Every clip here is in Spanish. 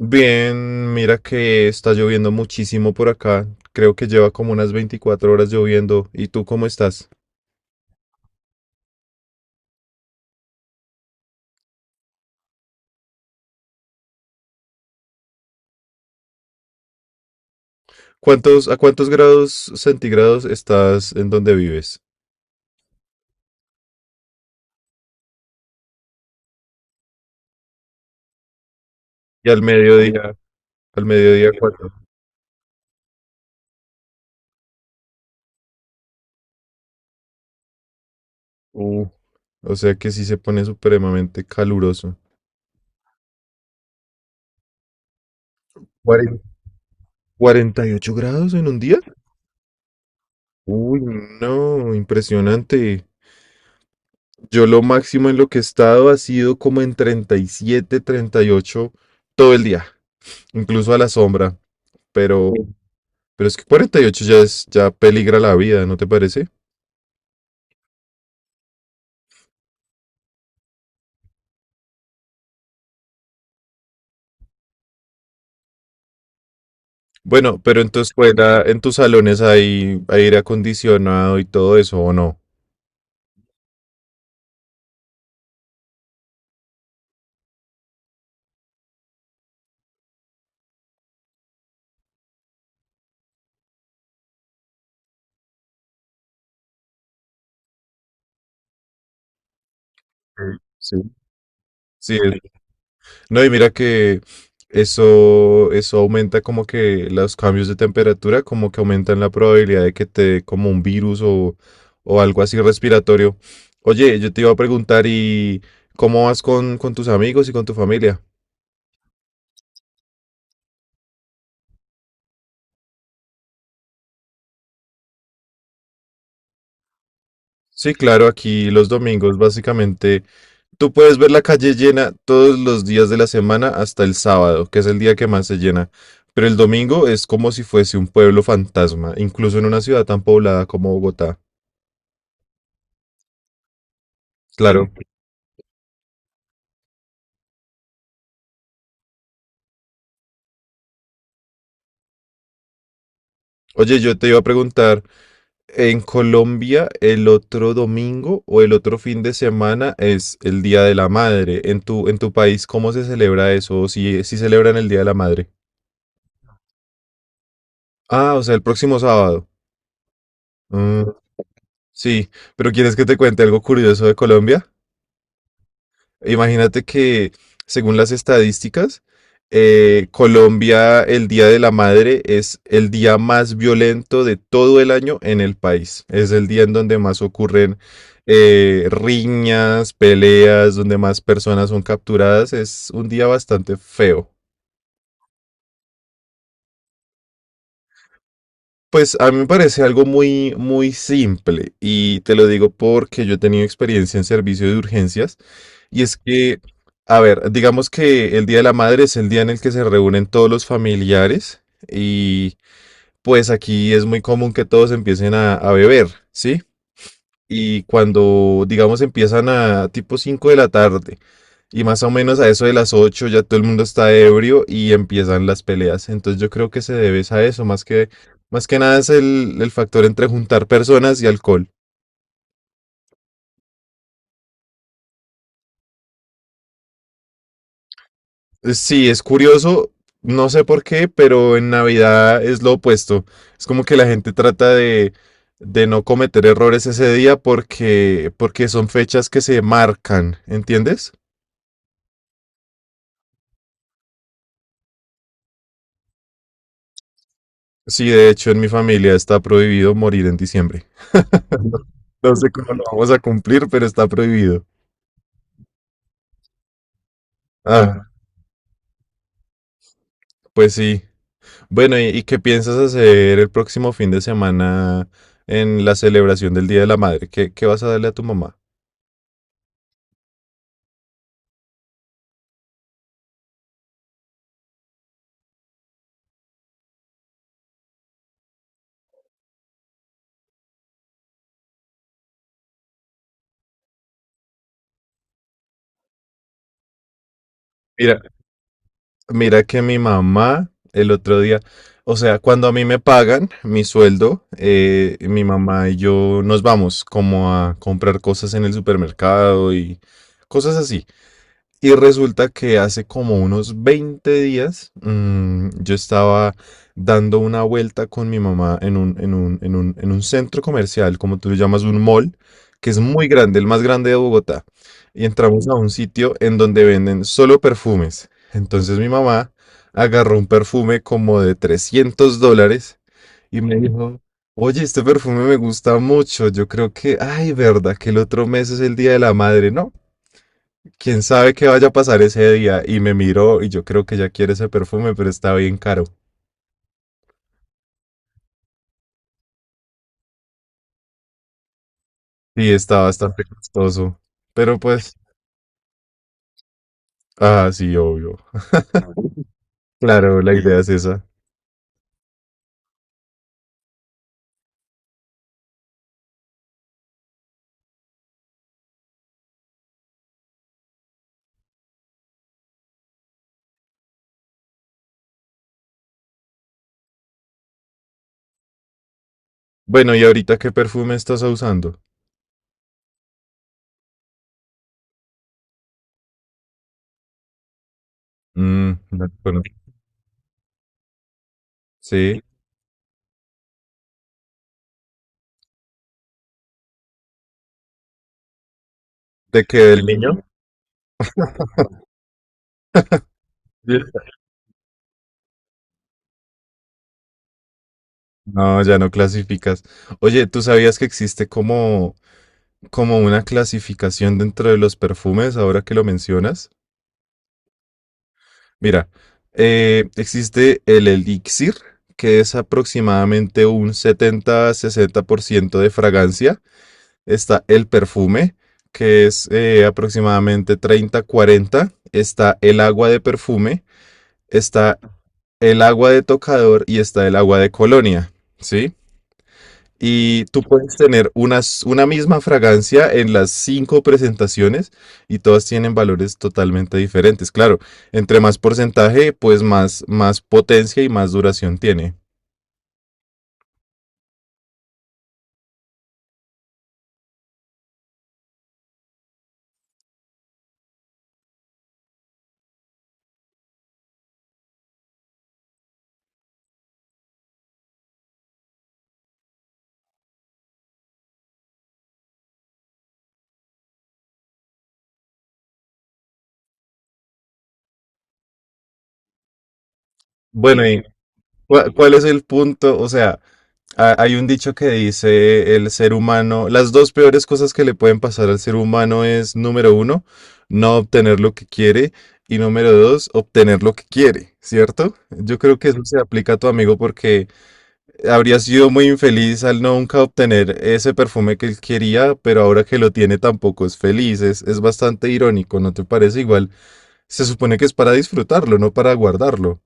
Bien, mira que está lloviendo muchísimo por acá. Creo que lleva como unas 24 horas lloviendo. ¿Y tú cómo estás? ¿A cuántos grados centígrados estás en donde vives? Y al mediodía, al mediodía, ¿cuánto? Uh, o sea que sí se pone supremamente caluroso. Cuaren- ¿48 grados en un día? Uy, no, impresionante. Yo lo máximo en lo que he estado ha sido como en treinta y siete, 38 todo el día, incluso a la sombra, pero. Pero es que 48 ya es, ya peligra la vida, ¿no te parece? Bueno, pero en tu escuela, en tus salones hay aire acondicionado y todo eso, ¿o no? Sí, sí, sí, es no, y mira que eso aumenta como que los cambios de temperatura, como que aumentan la probabilidad de que te dé como un virus o algo así respiratorio. Oye, yo te iba a preguntar, ¿y cómo vas con tus amigos y con tu familia? Sí, claro, aquí los domingos básicamente tú puedes ver la calle llena todos los días de la semana hasta el sábado, que es el día que más se llena. Pero el domingo es como si fuese un pueblo fantasma, incluso en una ciudad tan poblada como Bogotá. Claro. Oye, yo te iba a preguntar, ¿en Colombia el otro domingo o el otro fin de semana es el Día de la Madre? ¿En tu país cómo se celebra eso? ¿O si celebran el Día de la Madre? Ah, o sea, el próximo sábado. Mm, sí, pero ¿quieres que te cuente algo curioso de Colombia? Imagínate que, según las estadísticas, Colombia, el Día de la Madre es el día más violento de todo el año en el país. Es el día en donde más ocurren riñas, peleas, donde más personas son capturadas. Es un día bastante feo. Pues a mí me parece algo muy, muy simple y te lo digo porque yo he tenido experiencia en servicio de urgencias y es que, a ver, digamos que el Día de la Madre es el día en el que se reúnen todos los familiares y pues aquí es muy común que todos empiecen a beber, ¿sí? Y cuando, digamos, empiezan a tipo 5 de la tarde. Y más o menos a eso de las 8 ya todo el mundo está ebrio y empiezan las peleas. Entonces yo creo que se debe es a eso, más que nada es el factor entre juntar personas y alcohol. Sí, es curioso, no sé por qué, pero en Navidad es lo opuesto. Es como que la gente trata de no cometer errores ese día porque son fechas que se marcan, ¿entiendes? Sí, de hecho en mi familia está prohibido morir en diciembre. No sé cómo lo vamos a cumplir, pero está prohibido. Ah, pues sí. Bueno, ¿y qué piensas hacer el próximo fin de semana en la celebración del Día de la Madre? ¿Qué vas a darle a tu mamá? Mira, mira que mi mamá el otro día, o sea, cuando a mí me pagan mi sueldo, mi mamá y yo nos vamos como a comprar cosas en el supermercado y cosas así. Y resulta que hace como unos 20 días, yo estaba dando una vuelta con mi mamá en un centro comercial, como tú lo llamas, un mall, que es muy grande, el más grande de Bogotá. Y entramos a un sitio en donde venden solo perfumes. Entonces mi mamá agarró un perfume como de $300 y me dijo, oye, este perfume me gusta mucho. Yo creo que, ay, verdad, que el otro mes es el Día de la Madre, ¿no? Quién sabe qué vaya a pasar ese día. Y me miró y yo creo que ya quiere ese perfume, pero está bien caro. Y está bastante costoso. Pero pues, ah, sí, obvio. Claro, la idea es esa. Bueno, ¿y ahorita qué perfume estás usando? Mm, no te conozco. Sí, ¿de qué? ¿Del niño? Sí. No, ya no clasificas. Oye, ¿tú sabías que existe como una clasificación dentro de los perfumes, ahora que lo mencionas? Mira, existe el elixir, que es aproximadamente un 70-60% de fragancia. Está el perfume, que es aproximadamente 30-40. Está el agua de perfume, está el agua de tocador y está el agua de colonia, ¿sí? Y tú puedes tener una misma fragancia en las cinco presentaciones y todas tienen valores totalmente diferentes. Claro, entre más porcentaje, pues más potencia y más duración tiene. Bueno, ¿y cuál es el punto? O sea, hay un dicho que dice el ser humano, las dos peores cosas que le pueden pasar al ser humano es, número uno, no obtener lo que quiere y número dos, obtener lo que quiere, ¿cierto? Yo creo que eso se aplica a tu amigo porque. Habría sido muy infeliz al no nunca obtener ese perfume que él quería, pero ahora que lo tiene tampoco es feliz. Es bastante irónico, ¿no te parece? Igual se supone que es para disfrutarlo, no para guardarlo.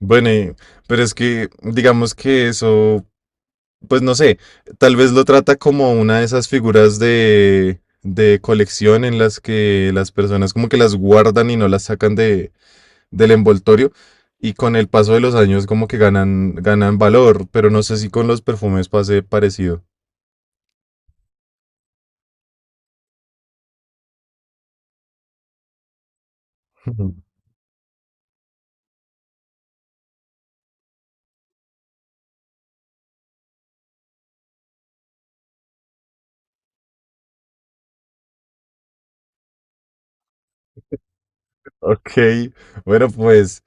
Bueno, pero es que digamos que eso, pues no sé, tal vez lo trata como una de esas figuras de colección en las que las personas como que las guardan y no las sacan del envoltorio y con el paso de los años como que ganan valor, pero no sé si con los perfumes pase parecido. Ujú. Ok, bueno, pues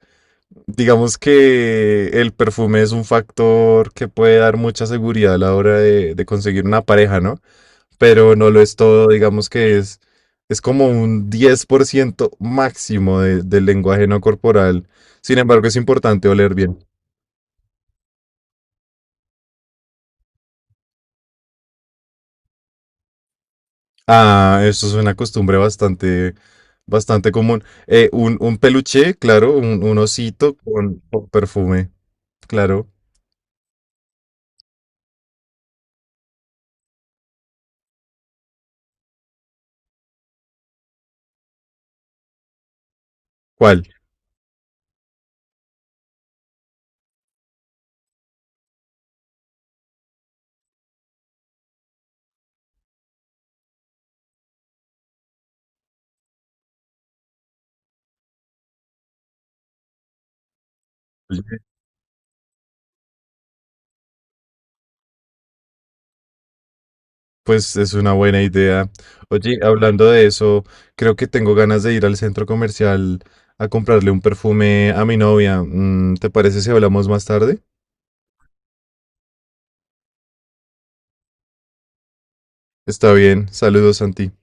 digamos que el perfume es un factor que puede dar mucha seguridad a la hora de conseguir una pareja, ¿no? Pero no lo es todo, digamos que es como un 10% máximo del lenguaje no corporal. Sin embargo, es importante oler bien. Ah, eso es una costumbre bastante común. Un peluche, claro, un osito con perfume, claro. ¿Cuál? Pues es una buena idea. Oye, hablando de eso, creo que tengo ganas de ir al centro comercial a comprarle un perfume a mi novia. ¿Te parece si hablamos más tarde? Está bien. Saludos, Santi.